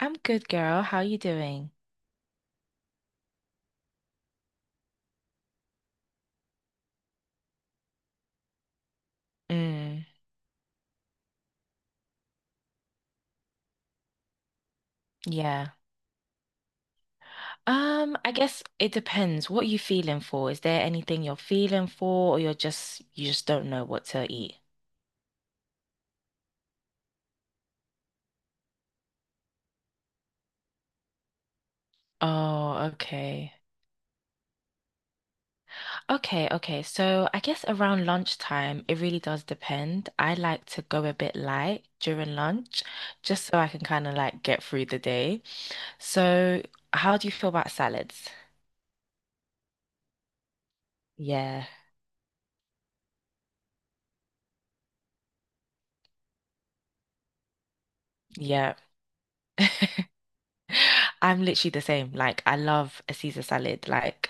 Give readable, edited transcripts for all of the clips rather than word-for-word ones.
I'm good, girl. How you doing? Mm, yeah. I guess it depends what you feeling for. Is there anything you're feeling for or you just don't know what to eat? Oh, okay. Okay, okay. So I guess around lunchtime, it really does depend. I like to go a bit light during lunch just so I can kind of like get through the day. So, how do you feel about salads? Yeah. Yeah. I'm literally the same. Like, I love a Caesar salad. Like,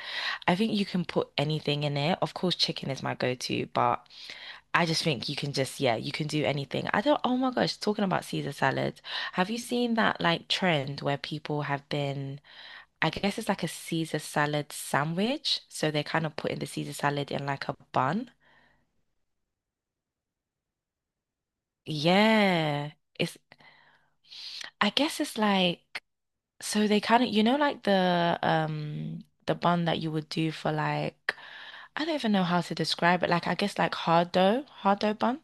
I think you can put anything in it. Of course, chicken is my go-to, but I just think you can just, yeah, you can do anything. I don't, oh my gosh, talking about Caesar salad. Have you seen that like trend where people have I guess it's like a Caesar salad sandwich. So they're kind of putting the Caesar salad in like a bun. Yeah. It's, I guess it's like, so they kind of, you know, like the bun that you would do for like, I don't even know how to describe it. Like I guess like hard dough bun.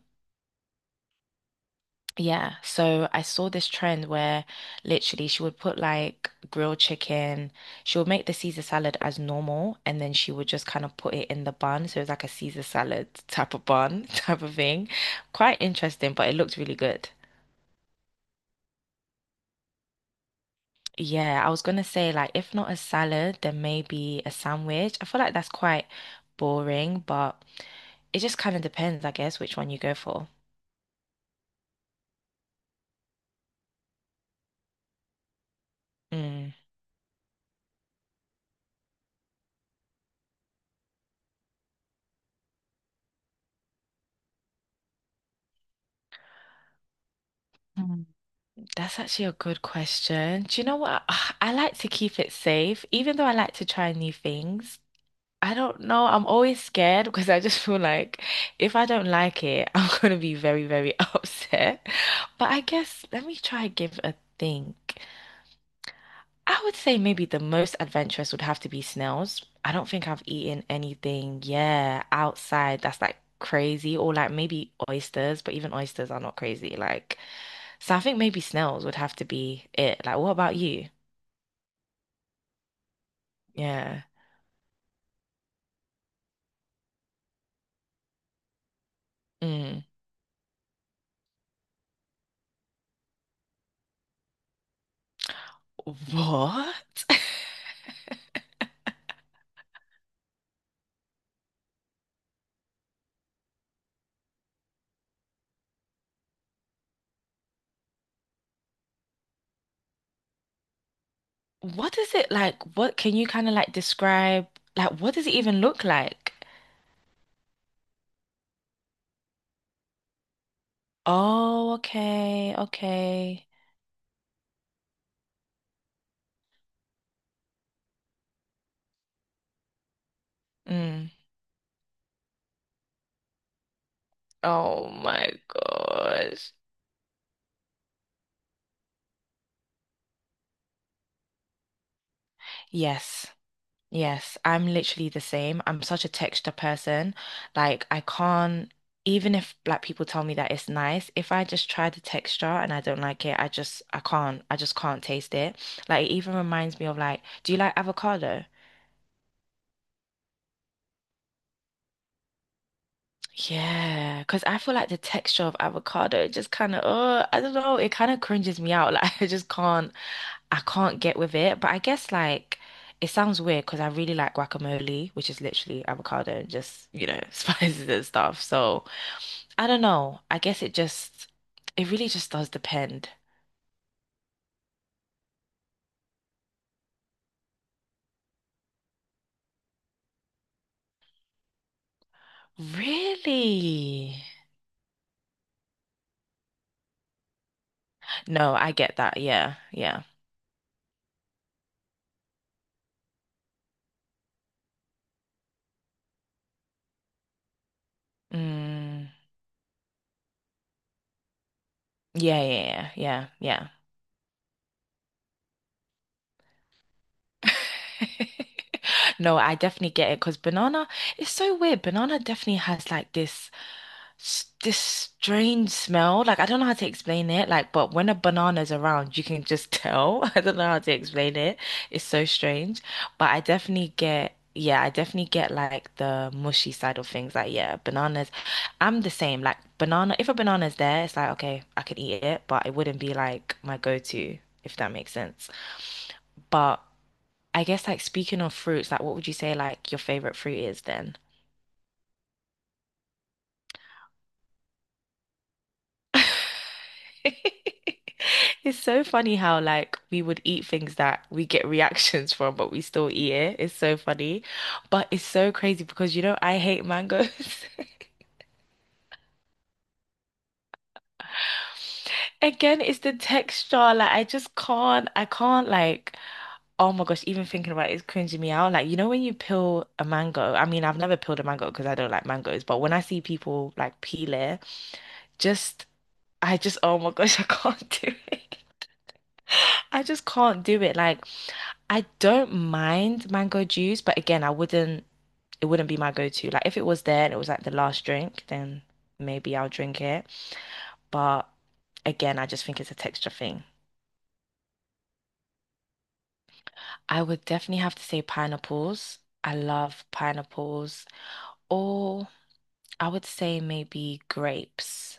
Yeah. So I saw this trend where literally she would put like grilled chicken. She would make the Caesar salad as normal and then she would just kind of put it in the bun. So it was like a Caesar salad type of bun type of thing. Quite interesting, but it looked really good. Yeah, I was gonna say like if not a salad, then maybe a sandwich. I feel like that's quite boring, but it just kind of depends, I guess, which one you go for. Mm. Mm. That's actually a good question. Do you know what? I like to keep it safe, even though I like to try new things. I don't know. I'm always scared because I just feel like if I don't like it, I'm gonna be very, very upset. But I guess let me try and give a think. I would say maybe the most adventurous would have to be snails. I don't think I've eaten anything, yeah, outside that's like crazy, or like maybe oysters, but even oysters are not crazy. Like, so I think maybe snails would have to be it. Like, what about you? Yeah. Mm. What? What is it like? What can you kind of like describe? Like, what does it even look like? Oh, okay, okay. Mm. Oh my gosh. Yes. Yes, I'm literally the same. I'm such a texture person. Like I can't, even if black people tell me that it's nice, if I just try the texture and I don't like it, I can't I just can't taste it. Like it even reminds me of like, do you like avocado? Yeah, because I feel like the texture of avocado just kind of, oh, I don't know, it kind of cringes me out. Like I can't get with it, but I guess like it sounds weird because I really like guacamole, which is literally avocado and just, you know, spices and stuff. So I don't know. It really just does depend. Really? No, I get that. Yeah, yeah. Mm, yeah, yeah, yeah, yeah, yeah. No, I definitely get it because it's so weird. Banana definitely has like this strange smell. Like I don't know how to explain it. Like, but when a banana's around, you can just tell. I don't know how to explain it. It's so strange. But I definitely get, yeah, I definitely get like the mushy side of things. Like, yeah, bananas. I'm the same. Like banana, if a banana's there, it's like, okay, I could eat it, but it wouldn't be like my go-to, if that makes sense. But I guess like speaking of fruits, like what would you say like your favorite fruit is then? It's so funny how like we would eat things that we get reactions from, but we still eat it. It's so funny. But it's so crazy because you know I hate mangoes. Again, it's the texture. Like I can't like, oh my gosh, even thinking about it is cringing me out. Like, you know when you peel a mango, I mean I've never peeled a mango because I don't like mangoes, but when I see people like peel it, just I just oh my gosh, I can't do it. I just can't do it. Like, I don't mind mango juice, but again, I wouldn't, it wouldn't be my go-to. Like, if it was there and it was like the last drink, then maybe I'll drink it. But again, I just think it's a texture thing. I would definitely have to say pineapples. I love pineapples. Or I would say maybe grapes,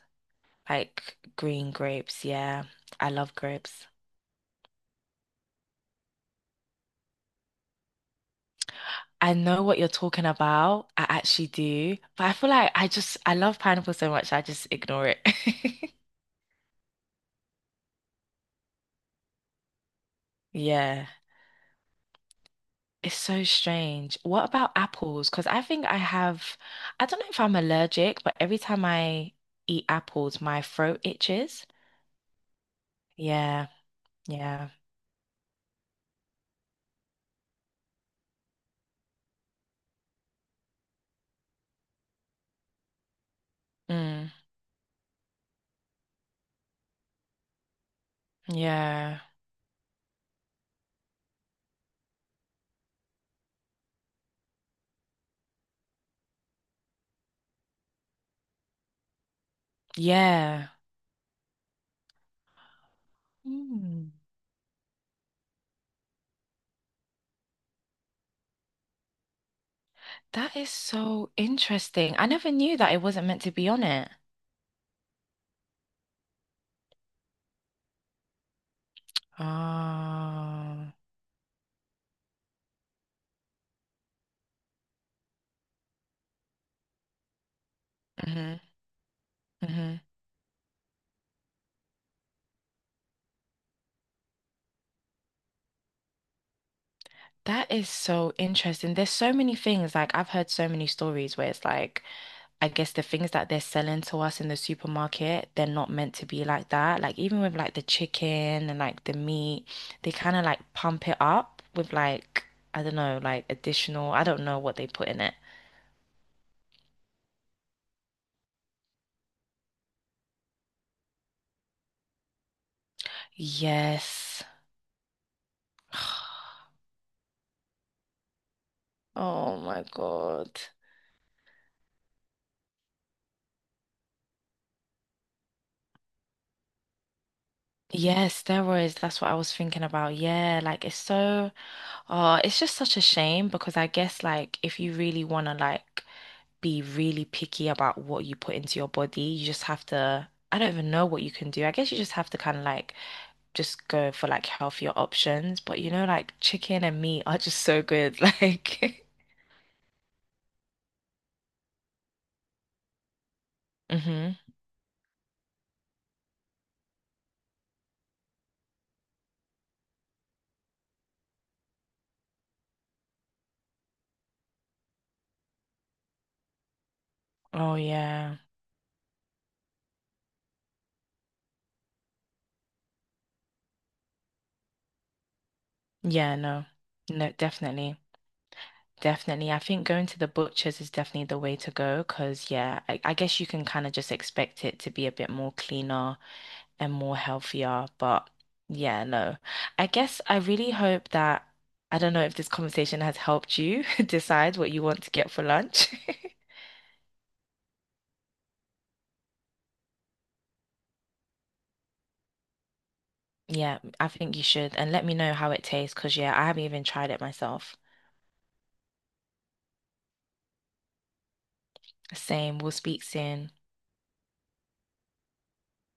like green grapes. Yeah, I love grapes. I know what you're talking about. I actually do. But I feel like I just I love pineapple so much I just ignore it. Yeah. It's so strange. What about apples? Because I think I don't know if I'm allergic, but every time I eat apples, my throat itches. Yeah. Yeah. Mm. Yeah. Yeah. Mm. That is so interesting. I never knew that it wasn't meant to be on it. Oh. Mm-hmm. Mm-hmm. That is so interesting. There's so many things, like I've heard so many stories where it's like, I guess the things that they're selling to us in the supermarket, they're not meant to be like that. Like even with like the chicken and like the meat, they kind of like pump it up with like, I don't know, like additional, I don't know what they put in it. Yes. Oh my God. Yeah, steroids, that's what I was thinking about. Yeah, like it's so, it's just such a shame because I guess like if you really want to like be really picky about what you put into your body. You just have to, I don't even know what you can do. I guess you just have to kind of like just go for like healthier options. But you know, like chicken and meat are just so good. Like, hmm. Oh, yeah. Yeah, no. No, definitely. Definitely. I think going to the butchers is definitely the way to go because, yeah, I guess you can kind of just expect it to be a bit more cleaner and more healthier. But yeah, no. I guess I really hope that I don't know if this conversation has helped you decide what you want to get for lunch. Yeah, I think you should. And let me know how it tastes because, yeah, I haven't even tried it myself. Same. We'll speak soon.